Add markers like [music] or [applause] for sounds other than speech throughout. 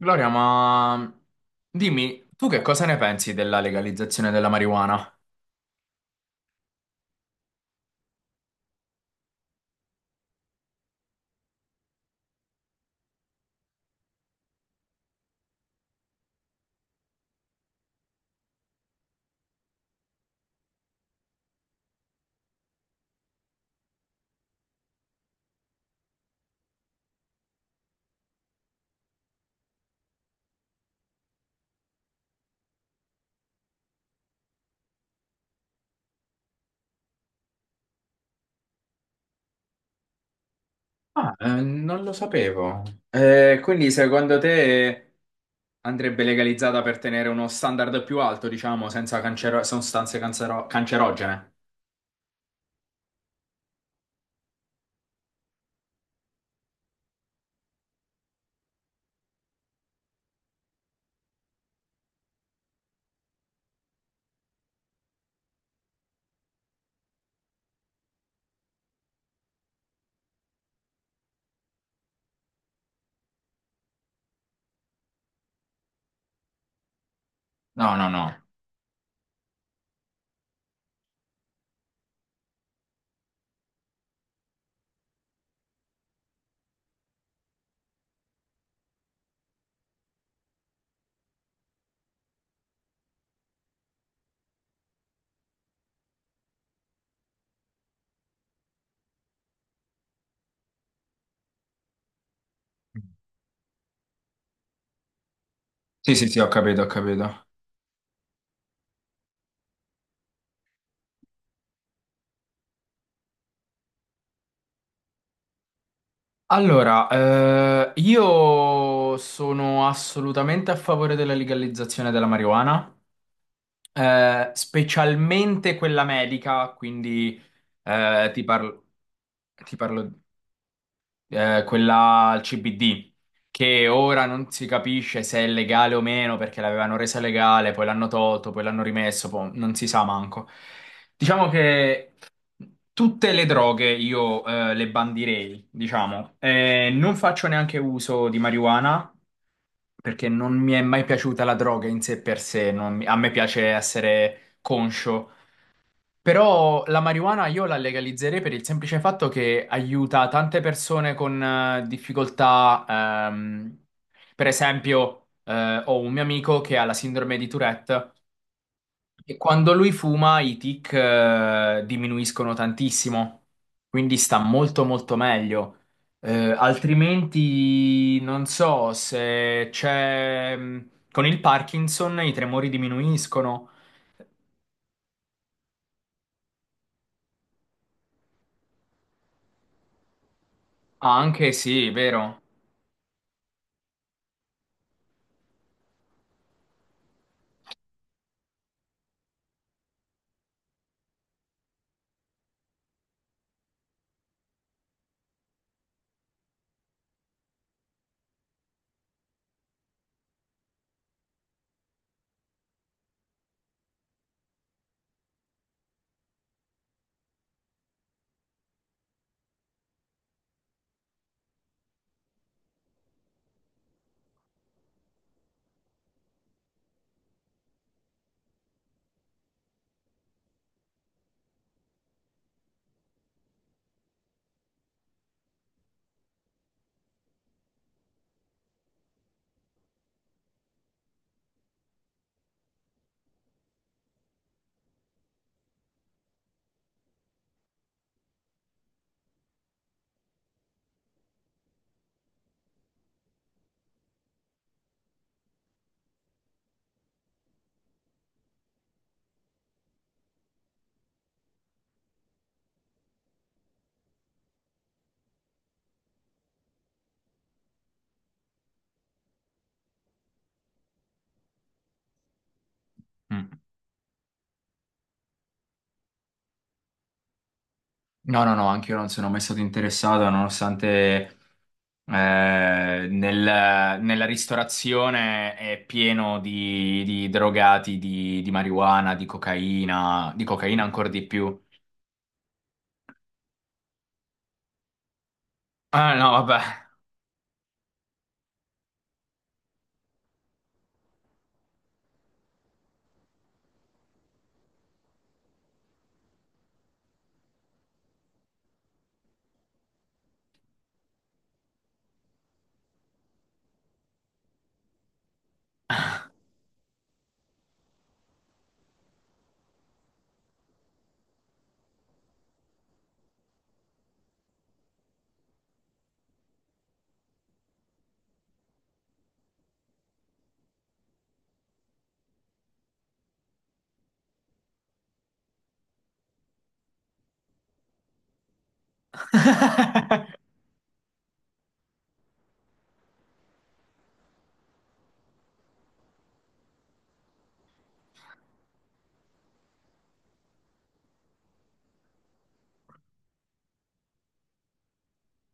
Gloria, ma dimmi, tu che cosa ne pensi della legalizzazione della marijuana? Non lo sapevo. Quindi secondo te andrebbe legalizzata per tenere uno standard più alto, diciamo, senza cancero- sostanze cancero- cancerogene? No, no, no. Sì, sì, sì, ho capito, ho capito. Allora, io sono assolutamente a favore della legalizzazione della marijuana. Specialmente quella medica, quindi eh, ti parlo, ti parlo quella al CBD, che ora non si capisce se è legale o meno perché l'avevano resa legale, poi l'hanno tolto, poi l'hanno rimesso, poi non si sa manco. Diciamo che tutte le droghe io le bandirei, diciamo. Non faccio neanche uso di marijuana. Perché non mi è mai piaciuta la droga in sé per sé, non mi- a me piace essere conscio, però la marijuana io la legalizzerei per il semplice fatto che aiuta tante persone con difficoltà. Per esempio, ho un mio amico che ha la sindrome di Tourette e quando lui fuma i tic, diminuiscono tantissimo, quindi sta molto molto meglio. Altrimenti non so se c'è. Con il Parkinson i tremori diminuiscono. Ah, anche sì, vero. Mm. No, no, no, anche io non sono mai stato interessato, nonostante nella ristorazione è pieno di drogati, di marijuana, di cocaina ancora di più. Ah, no, vabbè.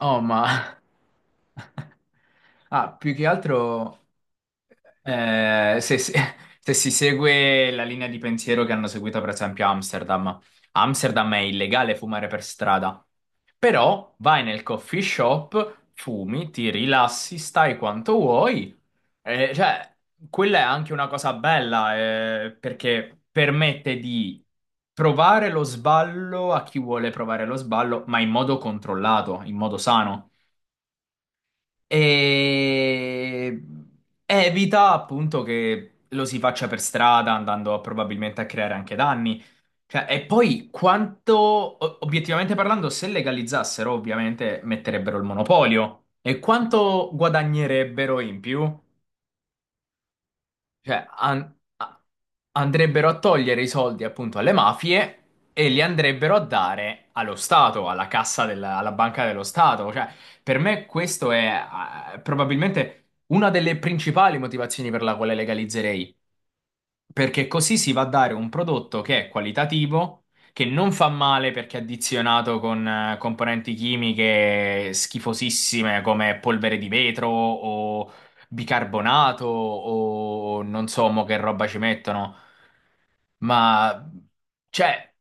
Oh, ma... [laughs] Ah, più che altro eh, se, se- [laughs] se si segue la linea di pensiero che hanno seguito per esempio a Amsterdam. A Amsterdam è illegale fumare per strada, però vai nel coffee shop, fumi, ti rilassi, stai quanto vuoi, eh, cioè, quella è anche una cosa bella, perché permette di provare lo sballo a chi vuole provare lo sballo, ma in modo controllato, in modo sano. E evita appunto che lo si faccia per strada, andando probabilmente a creare anche danni. Cioè, e poi obiettivamente parlando, se legalizzassero, ovviamente metterebbero il monopolio. E quanto guadagnerebbero in più? Cioè, andrebbero a togliere i soldi appunto alle mafie e li andrebbero a dare allo Stato, alla banca dello Stato. Cioè, per me questo è probabilmente una delle principali motivazioni per la quale legalizzerei, perché così si va a dare un prodotto che è qualitativo, che non fa male perché è addizionato con componenti chimiche schifosissime come polvere di vetro o bicarbonato o non so mo che roba ci mettono. Ma, cioè,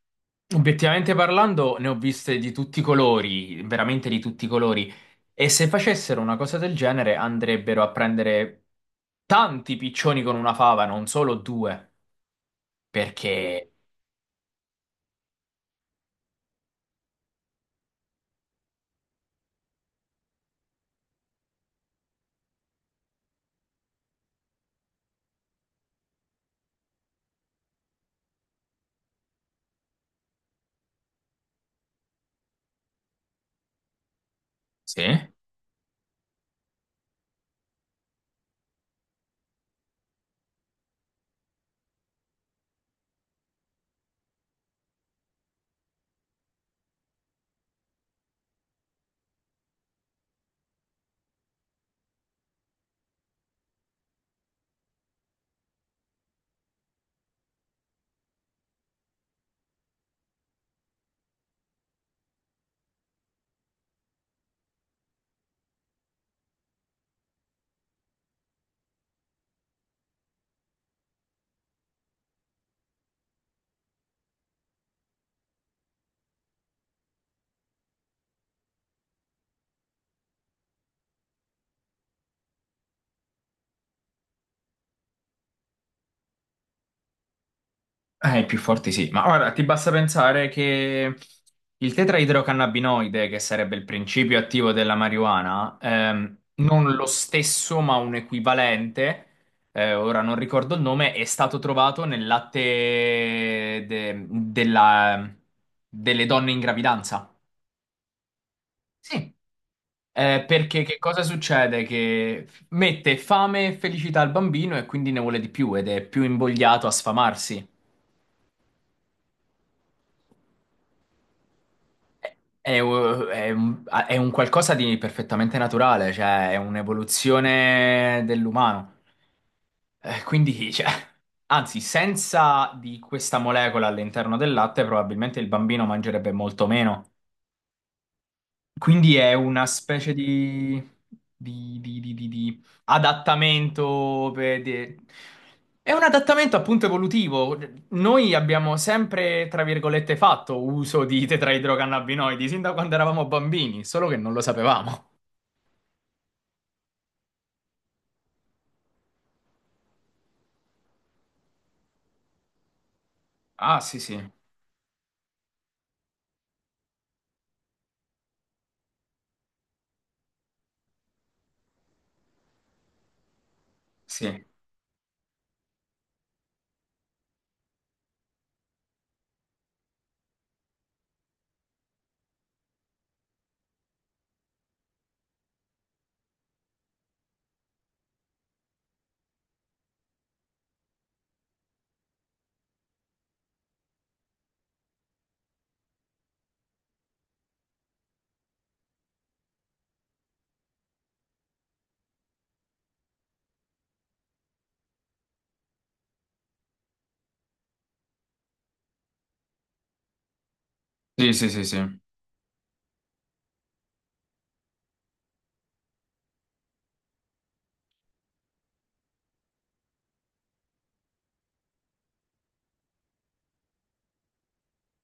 obiettivamente parlando, ne ho viste di tutti i colori, veramente di tutti i colori. E se facessero una cosa del genere, andrebbero a prendere tanti piccioni con una fava, non solo due. Perché? Sì? I più forti sì, ma ora ti basta pensare che il tetraidrocannabinoide, che sarebbe il principio attivo della marijuana, non lo stesso ma un equivalente, ora non ricordo il nome, è stato trovato nel latte de- della- delle donne in gravidanza. Sì. Perché che cosa succede? Che mette fame e felicità al bambino e quindi ne vuole di più ed è più invogliato a sfamarsi. È un qualcosa di perfettamente naturale, cioè è un'evoluzione dell'umano. Eh, quindi, cioè, anzi, senza di questa molecola all'interno del latte, probabilmente il bambino mangerebbe molto meno. Quindi è una specie di, di adattamento è un adattamento appunto evolutivo. Noi abbiamo sempre, tra virgolette, fatto uso di tetraidrocannabinoidi sin da quando eravamo bambini, solo che non lo sapevamo. Ah, sì, sì, sì, sì, sì, sì, sì. E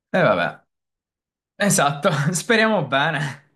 vabbè, esatto, [laughs] speriamo bene.